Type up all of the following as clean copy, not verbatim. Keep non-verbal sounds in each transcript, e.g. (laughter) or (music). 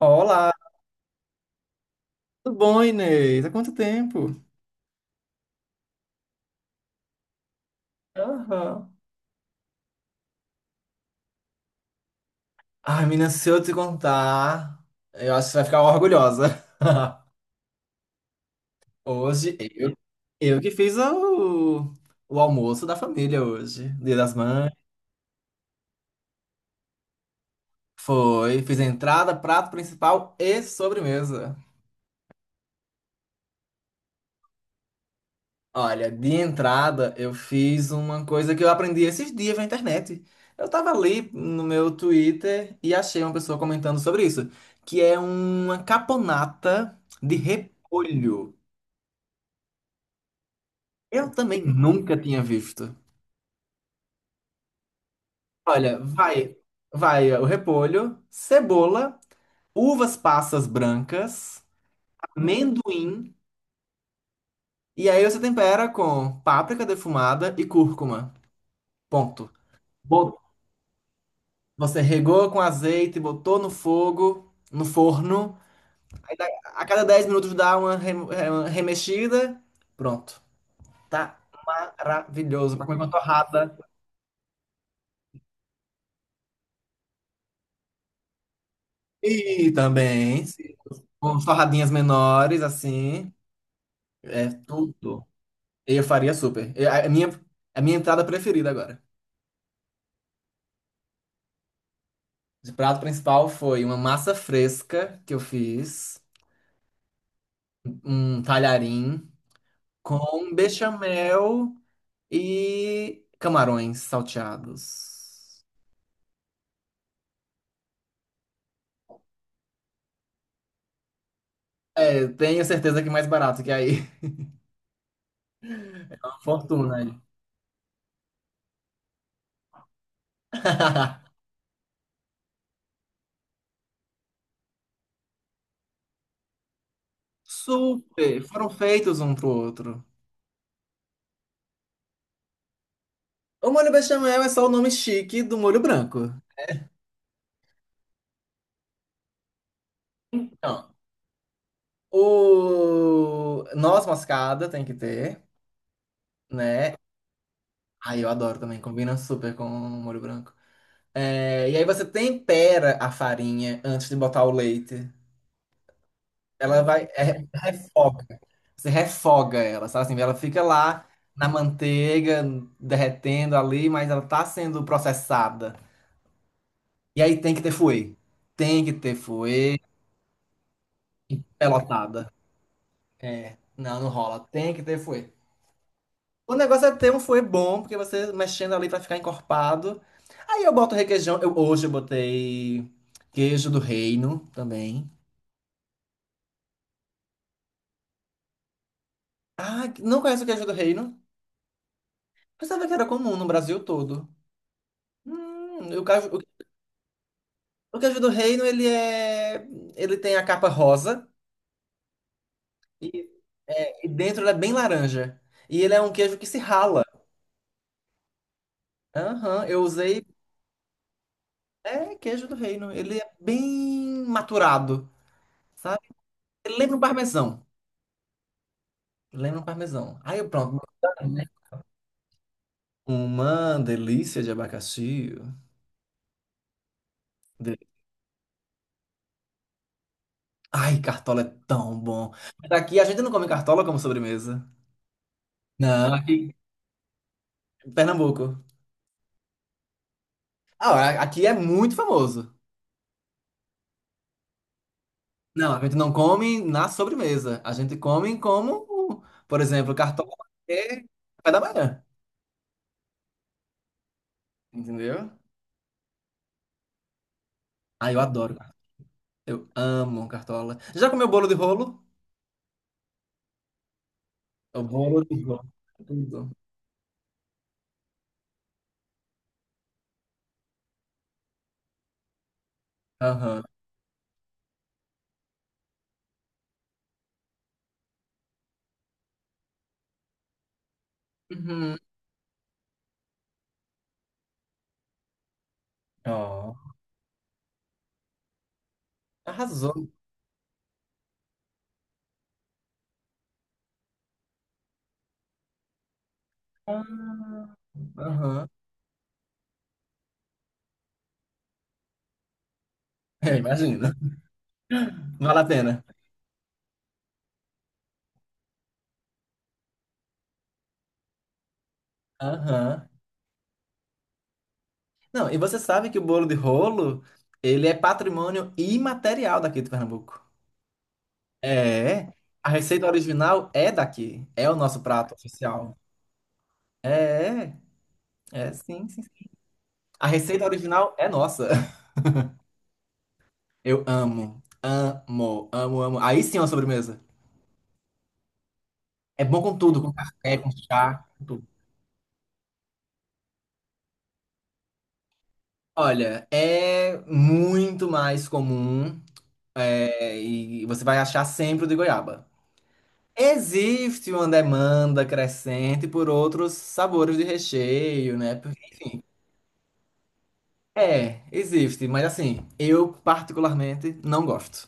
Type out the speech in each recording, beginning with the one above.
Olá, tudo bom, Inês? Há quanto tempo? Aham. Ai, menina, se eu te contar, eu acho que você vai ficar orgulhosa. (laughs) Hoje, eu que fiz o almoço da família hoje, Dia das Mães. Foi, fiz a entrada, prato principal e sobremesa. Olha, de entrada eu fiz uma coisa que eu aprendi esses dias na internet. Eu tava ali no meu Twitter e achei uma pessoa comentando sobre isso, que é uma caponata de repolho. Eu também nunca tinha visto. Olha, vai o repolho, cebola, uvas passas brancas, amendoim, e aí você tempera com páprica defumada e cúrcuma. Ponto. Você regou com azeite, botou no fogo, no forno. Aí dá- a cada 10 minutos dá uma, uma remexida. Pronto. Tá maravilhoso. Pra comer com uma torrada. E também, com torradinhas menores, assim. É tudo. Eu faria super. A a minha entrada preferida agora. De prato principal foi uma massa fresca que eu fiz. Um talharim com bechamel. E camarões salteados. É, tenho certeza que mais barato que aí. (laughs) Uma fortuna aí. (laughs) Super! Foram feitos um pro outro. O molho bechamel é só o nome chique do molho branco. Então, o noz moscada tem que ter, né? Ai, eu adoro também, combina super com o molho branco. É, e aí você tempera a farinha antes de botar o leite. Refoga. Você refoga ela, sabe assim? Ela fica lá na manteiga, derretendo ali, mas ela tá sendo processada. E aí tem que ter fuê. Tem que ter fuê pelotada. É, não, não rola. Tem que ter fuê. O negócio é ter um fuê bom, porque você mexendo ali pra ficar encorpado. Aí eu boto requeijão. Eu, hoje eu botei queijo do reino também. Ah, não conheço o queijo do reino? Pensava que era comum no Brasil todo. Hum, o, caju- Porque o livro do reino, ele é. Ele tem a capa rosa e, é, e dentro ele é bem laranja. E ele é um queijo que se rala. Aham, eu usei. É queijo do reino. Ele é bem maturado, sabe? Ele lembra um parmesão. Lembra um parmesão. Aí eu pronto. Uma delícia de abacaxi. De- Ai, cartola é tão bom. Mas aqui a gente não come cartola como sobremesa. Não, aqui. Pernambuco. Ah, aqui é muito famoso. Não, a gente não come na sobremesa. A gente come como, por exemplo, cartola é café da manhã. Entendeu? Ah, eu adoro. Eu amo cartola. Já comeu bolo de rolo? O bolo de rolo. Tudo. Aham. Uhum. Ó, arrasou. Ah, aham. É, imagina. Vale a pena. Aham. Não, e você sabe que o bolo de rolo, ele é patrimônio imaterial daqui de Pernambuco. É, a receita original é daqui, é o nosso prato oficial. É, é, sim, sim. A receita original é nossa. (laughs) Eu amo, amo, amo, amo. Aí sim é uma sobremesa. É bom com tudo, com café, com chá, com tudo. Olha, é muito mais comum, é, e você vai achar sempre o de goiaba. Existe uma demanda crescente por outros sabores de recheio, né? É, existe, mas assim, eu particularmente não gosto.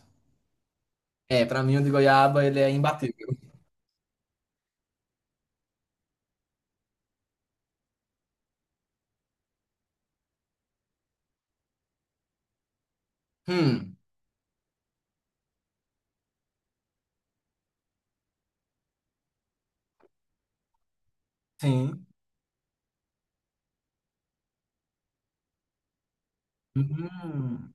É, pra mim o de goiaba ele é imbatível. Hum, sim. Hum,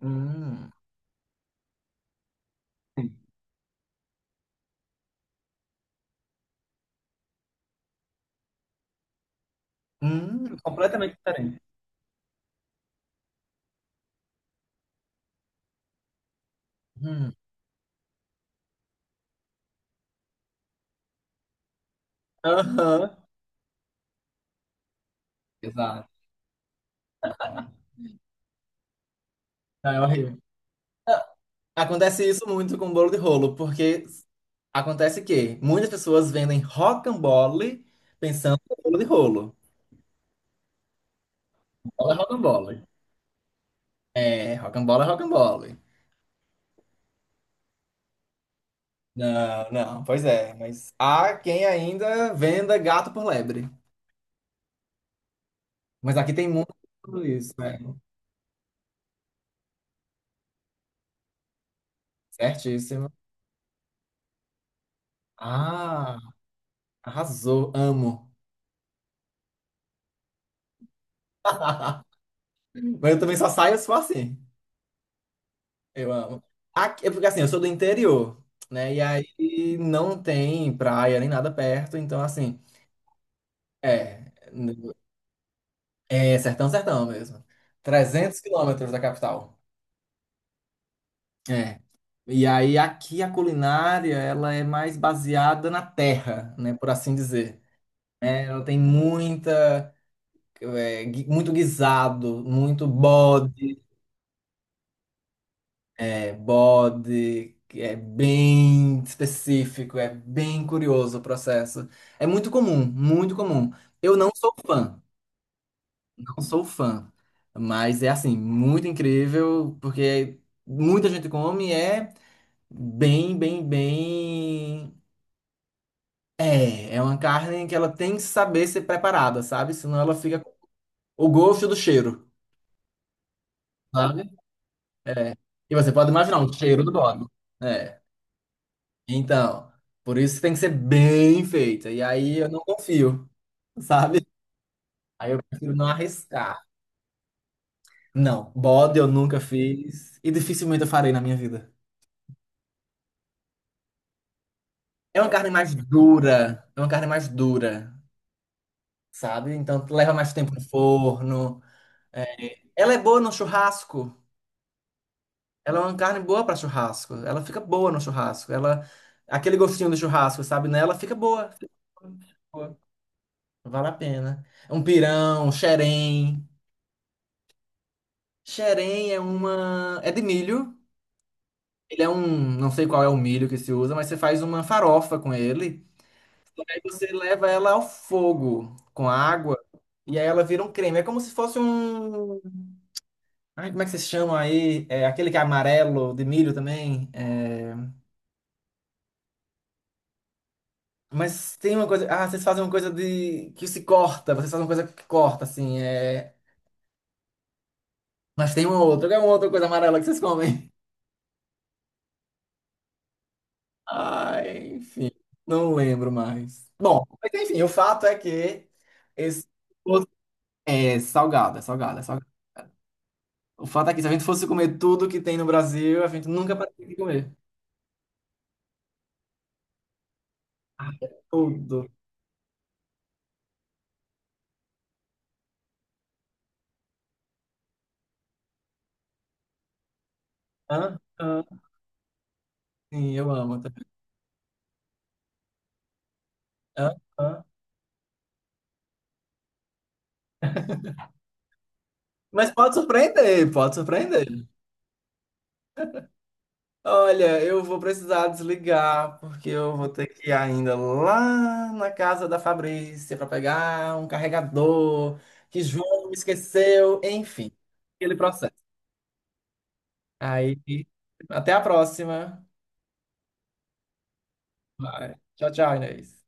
hum, sim. Completamente diferente. Hum. Aham. Exato. Não, é horrível. Não, acontece isso muito com bolo de rolo, porque acontece que muitas pessoas vendem rocambole pensando em bolo de rolo. Bola é rocambole. É, rocambole é rocambole. Não, não, pois é, mas há quem ainda venda gato por lebre. Mas aqui tem muito isso, né? Certíssimo. Ah, arrasou, amo. (laughs) Mas eu também só saio se for assim. Eu amo. Aqui, é porque assim, eu sou do interior, né? E aí não tem praia nem nada perto, então assim, é, é sertão, sertão mesmo. 300 quilômetros da capital. É. E aí aqui a culinária, ela é mais baseada na terra, né, por assim dizer. Ela tem muita, muito guisado, muito bode, é, bode, que é bem específico, é bem curioso o processo. É muito comum, muito comum. Eu não sou fã, não sou fã, mas é assim, muito incrível, porque muita gente come e é bem, bem, bem. É, é uma carne que ela tem que saber ser preparada, sabe? Senão ela fica com o gosto do cheiro, sabe? É. E você pode imaginar o cheiro do bode. É. Então, por isso tem que ser bem feita. E aí eu não confio, sabe? Aí eu prefiro não arriscar. Não, bode eu nunca fiz e dificilmente eu farei na minha vida. É uma carne mais dura, é uma carne mais dura, sabe? Então leva mais tempo no forno. É, ela é boa no churrasco. Ela é uma carne boa para churrasco. Ela fica boa no churrasco. Ela, aquele gostinho do churrasco, sabe? Nela fica boa. Fica boa. Vale a pena. Um pirão, um xerém. Xerém é uma. É de milho. Ele é um. Não sei qual é o milho que se usa, mas você faz uma farofa com ele. Aí você leva ela ao fogo com água. E aí ela vira um creme. É como se fosse um. Ai, como é que vocês chamam aí? É aquele que é amarelo de milho também. É... Mas tem uma coisa. Ah, vocês fazem uma coisa de. Que se corta. Vocês fazem uma coisa que corta, assim. É... Mas tem uma outra. Qual é uma outra coisa amarela que vocês comem? (laughs) Ai, enfim. Não lembro mais. Bom, mas enfim, o fato é que. Esse... É salgado, é salgado, é salgado. O fato é que se a gente fosse comer tudo que tem no Brasil, a gente nunca pararia de comer. Ah, é tudo. Hã? Hã? Sim, eu amo. Tá. Hã? Hã? Mas pode surpreender, pode surpreender. Olha, eu vou precisar desligar, porque eu vou ter que ir ainda lá na casa da Fabrícia para pegar um carregador que João me esqueceu, enfim, aquele processo. Aí, até a próxima. Vai. Tchau, tchau, Inês.